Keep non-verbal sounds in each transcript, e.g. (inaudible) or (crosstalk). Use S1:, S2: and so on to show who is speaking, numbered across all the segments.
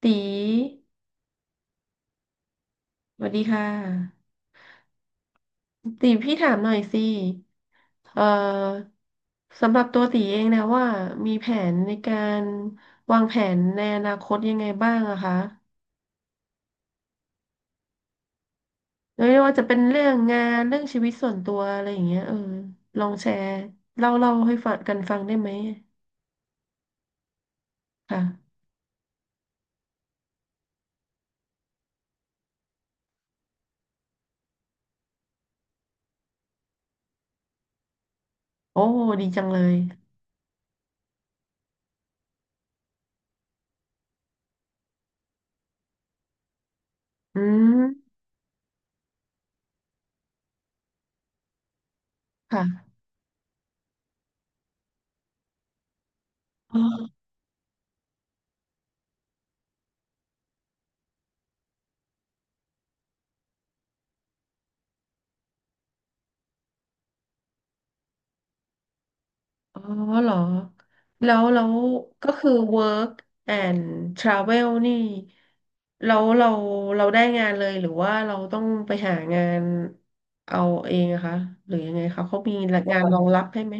S1: ตีสวัสดีค่ะตีพี่ถามหน่อยสิเอ่อสำหรับตัวตีเองนะว่ามีแผนในการวางแผนในอนาคตยังไงบ้างอะคะไม่ว่าจะเป็นเรื่องงานเรื่องชีวิตส่วนตัวอะไรอย่างเงี้ยลองแชร์เล่าให้ฟังกันฟังได้ไหมค่ะโอ้ดีจังเลยอืมค่ะ อ๋อเหรอแล้วก็คือ work and travel นี่แล้วเราได้งานเลยหรือว่าเราต้องไปหางานเอาเองอะคะ หรือยังไงคะเขามีงานรองรับให้ไหม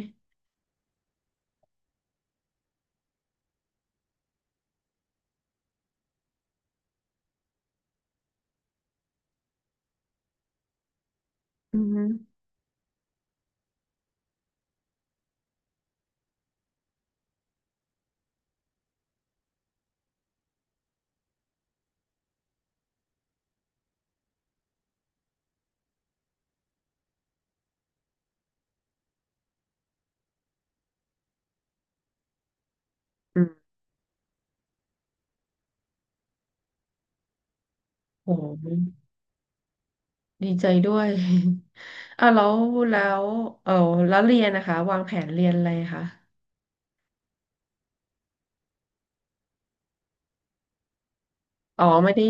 S1: อือฮึอืมโหดีใจด้วย (laughs) อ่ะแล้วแล้วเออแล้วเรียนนะคะวางแผนเรียนอะไรคะ อ๋อไม่ได้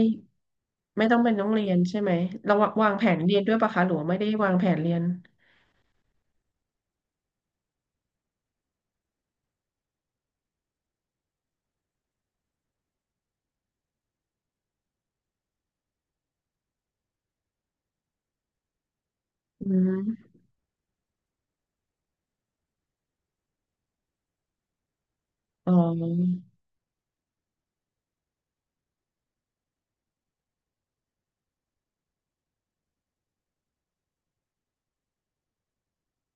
S1: ไม่ต้องเป็นต้องเรียนใช่ไหมเราวางแผนเรียนด้วยปะคะหรือว่าไม่ได้วางแผนเรียนอืม อ๋อ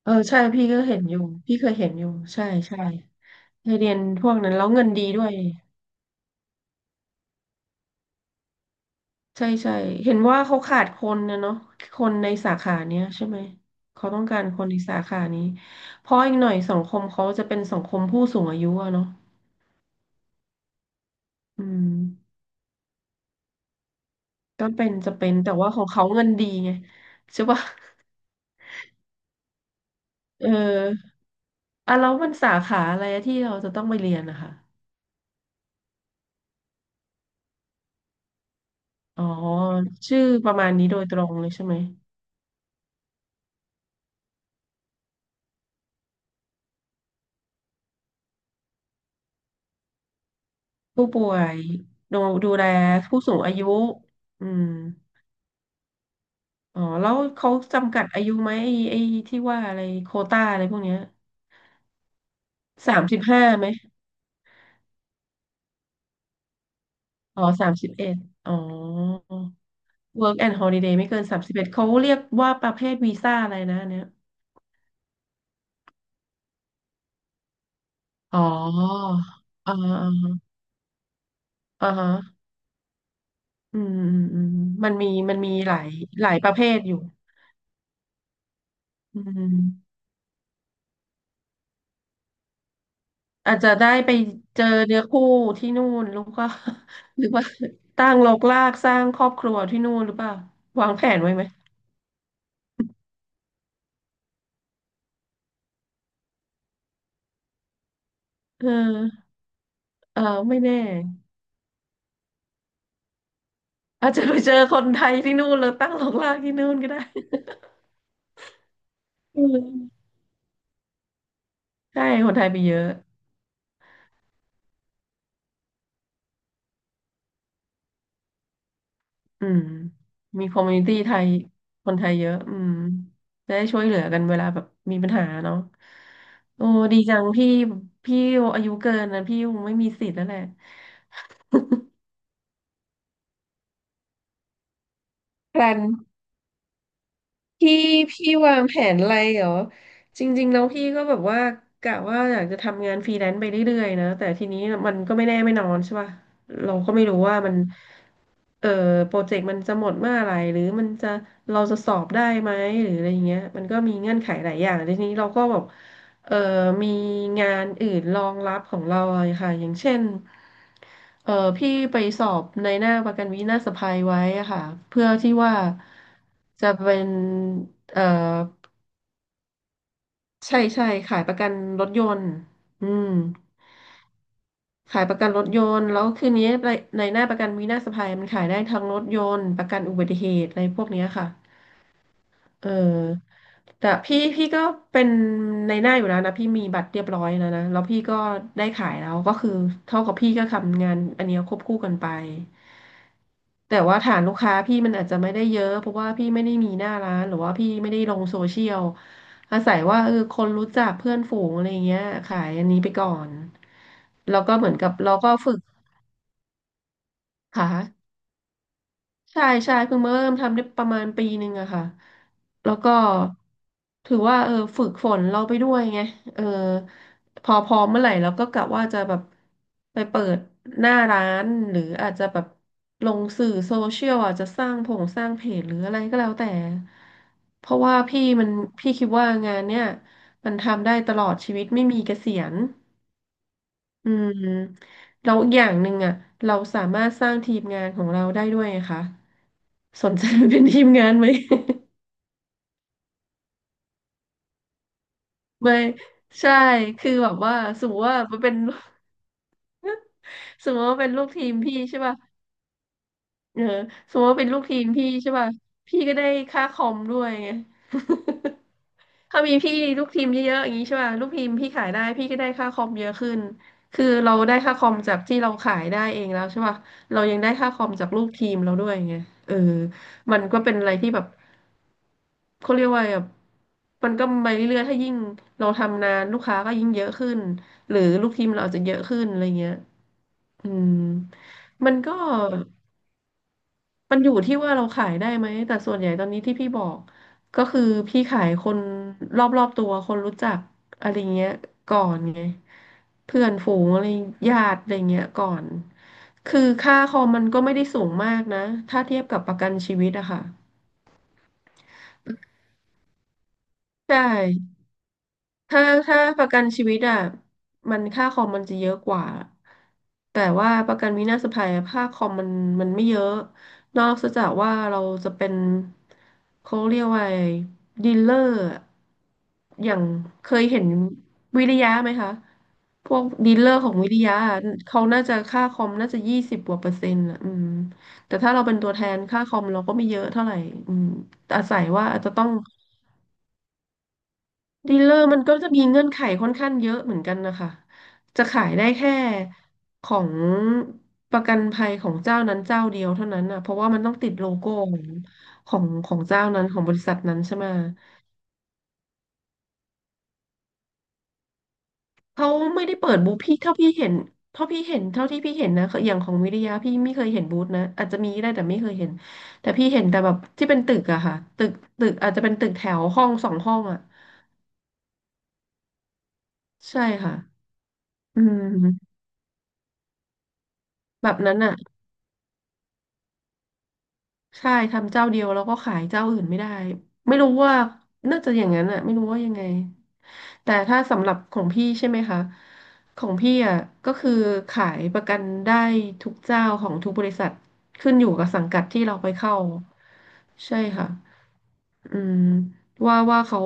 S1: ใช่พี่ก็เห็นอยู่พี่เคยเห็นอยู่ใช่ใช่ให้เรียนพวกนั้นแล้วเงินดีด้วยใช่ใช่เห็นว่าเขาขาดคนนะเนาะคนในสาขาเนี้ยใช่ไหมเขาต้องการคนในสาขานี้เพราะอีกหน่อยสังคมเขาจะเป็นสังคมผู้สูงอายุอะเนาะอืมก็เป็นจะเป็นแต่ว่าของเขาเงินดีไงใช่ปะ (laughs) เอออ่ะแล้วมันสาขาอะไรอที่เราจะต้องไปเรียนนะคะอ๋อชื่อประมาณนี้โดยตรงเลยใช่ไหม ผู้ป่วยดูดูแลผู้สูงอายุอืมอ๋อแล้วเขาจำกัดอายุไหมไอ้ที่ว่าอะไรโควต้าอะไรพวกเนี้ย35ไหมอ๋อสามสิบเอ็ดอ๋อ work and holiday ไม่เกิน31เขาเรียกว่าประเภทวีซ่าอะไรนะอันเนี่ยอ๋ออ่าอ่าอ่าฮะอืมมันมีหลายประเภทอยู่อืม อาจจะได้ไปเจอเนื้อคู่ที่นู่นแล้วก็ (laughs) หรือว่าตั้งรกรากสร้างครอบครัวที่นู่นหรือเปล่าวางแผนไว้ไหมเออเออไม่แน่อาจจะไปเจอคนไทยที่นู่นแล้วตั้งรกรากที่นู่นก็ได้อืมใช่คนไทยไปเยอะอืมมีคอมมูนิตี้ไทยคนไทยเยอะอืมจะได้ช่วยเหลือกันเวลาแบบมีปัญหาเนาะโอ้ดีจังพี่พี่อายุเกินนะพี่คงไม่มีสิทธิ์แล้วแหละแพลน พี่พี่วางแผนอะไรเหรอจริงๆแล้วพี่ก็แบบว่ากะว่าอยากจะทำงานฟรีแลนซ์ไปเรื่อยๆนะแต่ทีนี้มันก็ไม่แน่ไม่นอนใช่ป่ะเราก็ไม่รู้ว่ามัน เออโปรเจกต์มันจะหมดเมื่อไหร่หรือมันจะเราจะสอบได้ไหมหรืออะไรอย่างเงี้ยมันก็มีเงื่อนไขหลายอย่างทีนี้เราก็แบบเออมีงานอื่นรองรับของเราอะค่ะอย่างเช่นเออพี่ไปสอบในหน้าประกันวินาศภัยไว้อะค่ะเพื่อที่ว่าจะเป็นเออใช่ใช่ขายประกันรถยนต์อืม ขายประกันรถยนต์แล้วคืนนี้ในในหน้าประกันวินาศภัยมันขายได้ทั้งรถยนต์ประกันอุบัติเหตุอะไรพวกเนี้ยค่ะเออแต่พี่ก็เป็นในหน้าอยู่แล้วนะพี่มีบัตรเรียบร้อยแล้วนะแล้วพี่ก็ได้ขายแล้วก็คือเท่ากับพี่ก็ทำงานอันเนี้ยควบคู่กันไปแต่ว่าฐานลูกค้าพี่มันอาจจะไม่ได้เยอะเพราะว่าพี่ไม่ได้มีหน้าร้านหรือว่าพี่ไม่ได้ลงโซเชียลอาศัยว่าเออคนรู้จักเพื่อนฝูงอะไรเงี้ยขายอันนี้ไปก่อนแล้วก็เหมือนกับเราก็ฝึก ค่ะใช่ใช่เพิ่งมาเริ่มทำได้ประมาณปีหนึ่งอะค่ะแล้วก็ถือว่าเออฝึกฝนเราไปด้วยไงเออพอพร้อมเมื่อไหร่เราก็กะว่าจะแบบไปเปิดหน้าร้านหรืออาจจะแบบลงสื่อโซเชียลอาจจะสร้างผงสร้างเพจหรืออะไรก็แล้วแต่เพราะว่าพี่มันพี่คิดว่างานเนี่ยมันทำได้ตลอดชีวิตไม่มีเกษียณ อืมแล้วอย่างหนึ่งอ่ะเราสามารถสร้างทีมงานของเราได้ด้วยไงคะสนใจเป็นทีมงานไหม (laughs) ไม่ใช่คือแบบว่าสมมติว่ามันเป็น (laughs) สมมติว่าเป็นลูกทีมพี่ใช่ป่ะเออสมมติว่าเป็นลูกทีมพี่ใช่ป่ะพี่ก็ได้ค่าคอมด้วยไง (laughs) ถ้ามีพี่ลูกทีมเยอะๆอย่างนี้ใช่ป่ะลูกทีมพี่ขายได้พี่ก็ได้ค่าคอมเยอะขึ้นคือเราได้ค่าคอมจากที่เราขายได้เองแล้วใช่ป่ะเรายังได้ค่าคอมจากลูกทีมเราด้วยไงเออมันก็เป็นอะไรที่แบบเขาเรียกว่าแบบมันก็ไปเรื่อยๆถ้ายิ่งเราทำนานลูกค้าก็ยิ่งเยอะขึ้นหรือลูกทีมเราอาจจะเยอะขึ้นอะไรเงี้ยอืมมันก็ มันอยู่ที่ว่าเราขายได้ไหมแต่ส่วนใหญ่ตอนนี้ที่พี่บอกก็คือพี่ขายคนรอบๆตัวคนรู้จักอะไรเงี้ยก่อนไงเพื่อนฝูงอะไรญาติอะไรเงี้ยก่อนคือค่าคอมมันก็ไม่ได้สูงมากนะถ้าเทียบกับประกันชีวิตอะค่ะใช่ ถ้าประกันชีวิตอ่ะมันค่าคอมมันจะเยอะกว่าแต่ว่าประกันวินาศภัยอะค่าคอมมันไม่เยอะนอกจากว่าเราจะเป็นเขาเรียกว่าอะไรดีลเลอร์อะอย่างเคยเห็นวิริยะไหมคะพวกดีลเลอร์ของวิริยะอะเขาน่าจะค่าคอมน่าจะ20 กว่า%อ่ะอืมแต่ถ้าเราเป็นตัวแทนค่าคอมเราก็ไม่เยอะเท่าไหร่อืมอาศัยว่าอาจจะต้อง ดีลเลอร์มันก็จะมีเงื่อนไขค่อนข้างเยอะเหมือนกันนะคะจะขายได้แค่ของประกันภัยของเจ้านั้นเจ้าเดียวเท่านั้นนะเพราะว่ามันต้องติดโลโก้ของของเจ้านั้นของบริษัทนั้นใช่ไหมเขาไม่ได้เปิดบูธพี่เท่าพี่เห็นเท่าที่พี่เห็นนะอย่างของวิทยาพี่ไม่เคยเห็นบูธนะอาจจะมีได้แต่ไม่เคยเห็นแต่พี่เห็นแต่แบบที่เป็นตึกอะค่ะตึกตึกอาจจะเป็นตึกแถวห้อง2 ห้องอะใช่ค่ะอืมแบบนั้นอะ ใช่ทำเจ้าเดียวแล้วก็ขายเจ้าอื่นไม่ได้ไม่รู้ว่าน่าจะอย่างนั้นอะไม่รู้ว่ายังไงแต่ถ้าสำหรับของพี่ใช่ไหมคะของพี่อ่ะก็คือขายประกันได้ทุกเจ้าของทุกบริษัทขึ้นอยู่กับสังกัดที่เราไปเข้าใช่ค่ะ อืมว่าเขา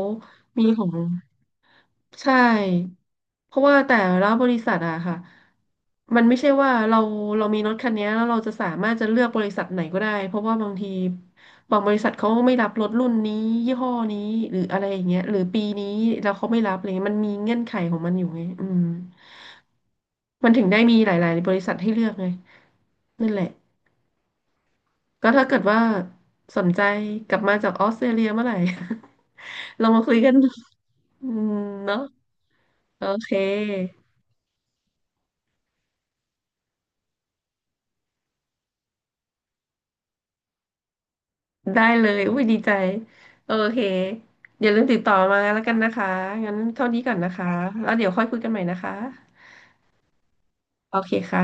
S1: มีของใช่เพราะว่าแต่ละบริษัทอะค่ะมันไม่ใช่ว่าเรามีรถคันนี้แล้วเราจะสามารถจะเลือกบริษัทไหนก็ได้เพราะว่าบางทีบางบริษัทเขาไม่รับรถรุ่นนี้ยี่ห้อนี้หรืออะไรอย่างเงี้ยหรือปีนี้แล้วเขาไม่รับอะไรเงี้ยมันมีเงื่อนไขของมันอยู่ไงอืมมันถึงได้มีหลายๆบริษัทให้เลือกไงนั่นแหละ ก็ถ้าเกิดว่าสนใจกลับมาจากออสเตรเลียเมื่อไหร่ (laughs) เรามาคุยกันอืมเนาะโอเคได้เลยอุ้ยดีใจโอเคอย่าลืมติดต่อมาแล้วกันนะคะงั้นเท่านี้ก่อนนะคะแล้วเดี๋ยวค่อยคุยกันใหม่นะคะโอเคค่ะ